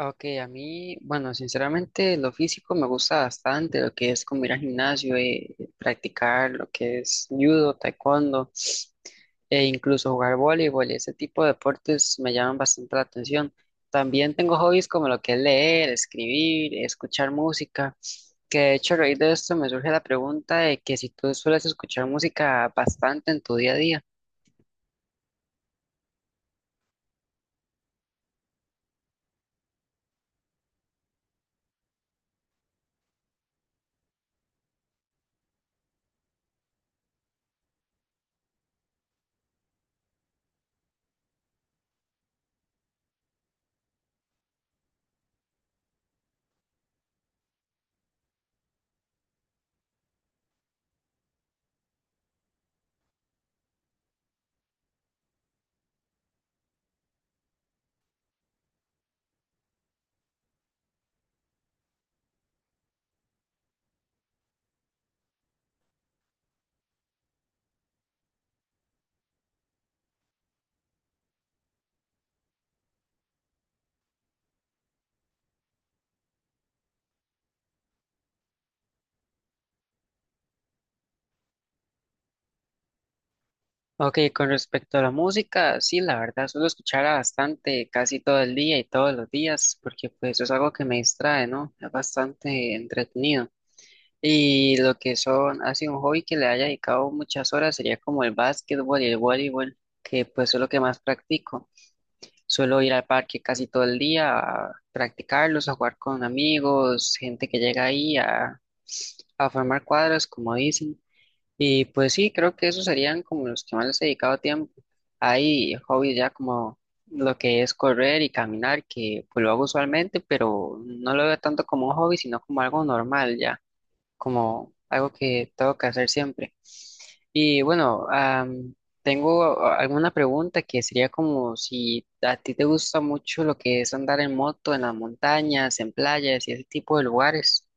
Ok, a mí, bueno, sinceramente lo físico me gusta bastante, lo que es como ir al gimnasio, practicar lo que es judo, taekwondo e incluso jugar voleibol, ese tipo de deportes me llaman bastante la atención. También tengo hobbies como lo que es leer, escribir, escuchar música, que de hecho a raíz de esto me surge la pregunta de que si tú sueles escuchar música bastante en tu día a día. Ok, con respecto a la música, sí, la verdad, suelo escucharla bastante, casi todo el día y todos los días, porque pues es algo que me distrae, ¿no? Es bastante entretenido. Y lo que son, así un hobby que le haya dedicado muchas horas sería como el básquetbol y el voleibol, que pues es lo que más practico. Suelo ir al parque casi todo el día a practicarlos, a jugar con amigos, gente que llega ahí a formar cuadros, como dicen. Y pues sí, creo que esos serían como los que más les he dedicado tiempo. Hay hobbies ya como lo que es correr y caminar, que pues lo hago usualmente, pero no lo veo tanto como un hobby, sino como algo normal ya, como algo que tengo que hacer siempre. Y bueno, tengo alguna pregunta que sería como si a ti te gusta mucho lo que es andar en moto, en las montañas, en playas y ese tipo de lugares.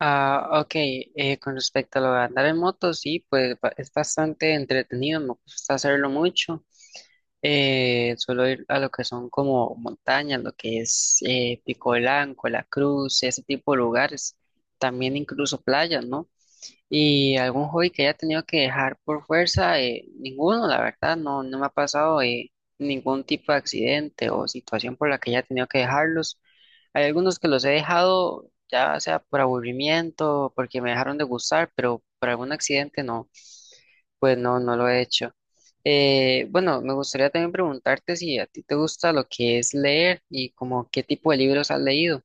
Ah, ok, con respecto a lo de andar en moto, sí, pues es bastante entretenido, me gusta hacerlo mucho. Suelo ir a lo que son como montañas, lo que es Pico Blanco, La Cruz, ese tipo de lugares, también incluso playas, ¿no? ¿Y algún hobby que haya tenido que dejar por fuerza? Ninguno, la verdad, no, no me ha pasado ningún tipo de accidente o situación por la que haya tenido que dejarlos. Hay algunos que los he dejado, ya sea por aburrimiento, porque me dejaron de gustar, pero por algún accidente no, pues no, no lo he hecho. Bueno, me gustaría también preguntarte si a ti te gusta lo que es leer y como qué tipo de libros has leído.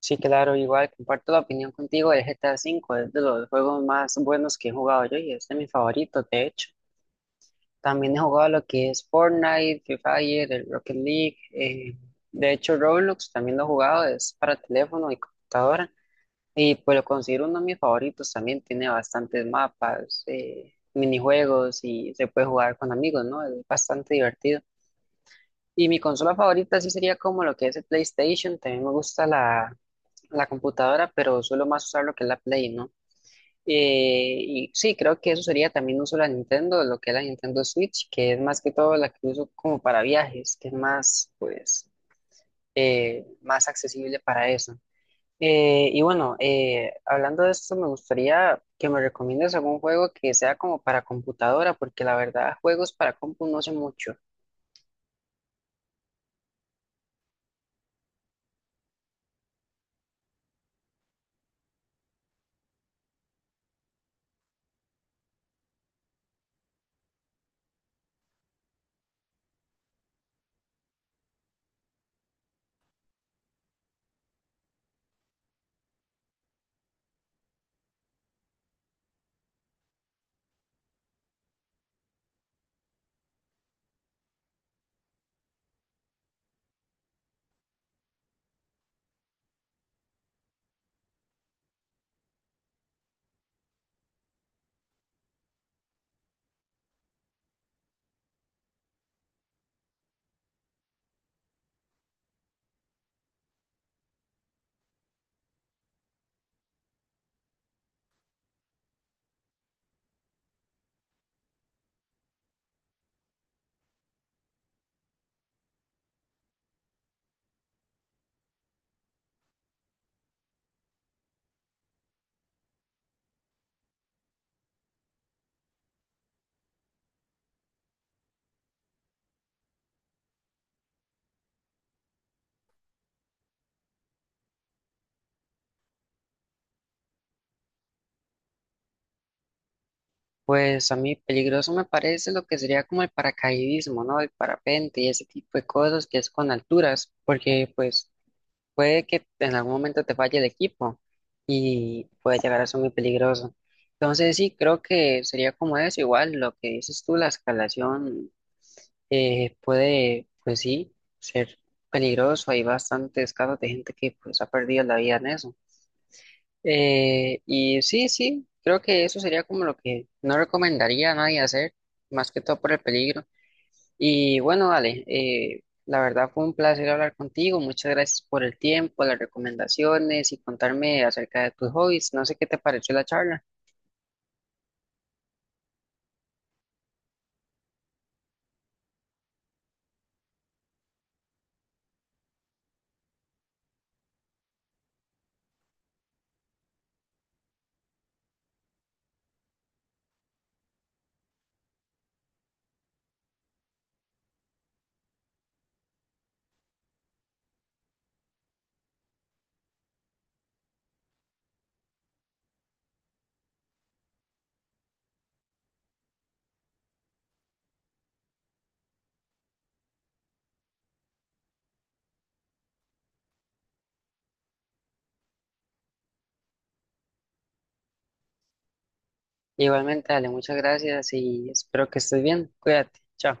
Sí, claro, igual comparto la opinión contigo del GTA V, es de los juegos más buenos que he jugado yo y es de mis favoritos, de hecho. También he jugado lo que es Fortnite, Free Fire, el Rocket League, de hecho Roblox también lo he jugado, es para teléfono y computadora y pues lo considero uno de mis favoritos, también tiene bastantes mapas, minijuegos y se puede jugar con amigos, ¿no? Es bastante divertido. Y mi consola favorita sí sería como lo que es el PlayStation, también me gusta la computadora, pero suelo más usar lo que es la Play, ¿no? Y sí, creo que eso sería también uso de la Nintendo, lo que es la Nintendo Switch, que es más que todo la que uso como para viajes, que es más, pues, más accesible para eso. Y bueno, hablando de esto, me gustaría que me recomiendes algún juego que sea como para computadora, porque la verdad, juegos para compu no sé mucho. Pues a mí peligroso me parece lo que sería como el paracaidismo, ¿no? El parapente y ese tipo de cosas que es con alturas, porque pues puede que en algún momento te falle el equipo y puede llegar a ser muy peligroso. Entonces sí, creo que sería como eso, igual lo que dices tú, la escalación puede, pues sí, ser peligroso. Hay bastantes casos de gente que pues ha perdido la vida en eso. Y sí, sí, creo que eso sería como lo que no recomendaría a nadie hacer, más que todo por el peligro. Y bueno, dale, la verdad fue un placer hablar contigo. Muchas gracias por el tiempo, las recomendaciones y contarme acerca de tus hobbies. No sé qué te pareció la charla. Igualmente, dale, muchas gracias y espero que estés bien. Cuídate. Chao.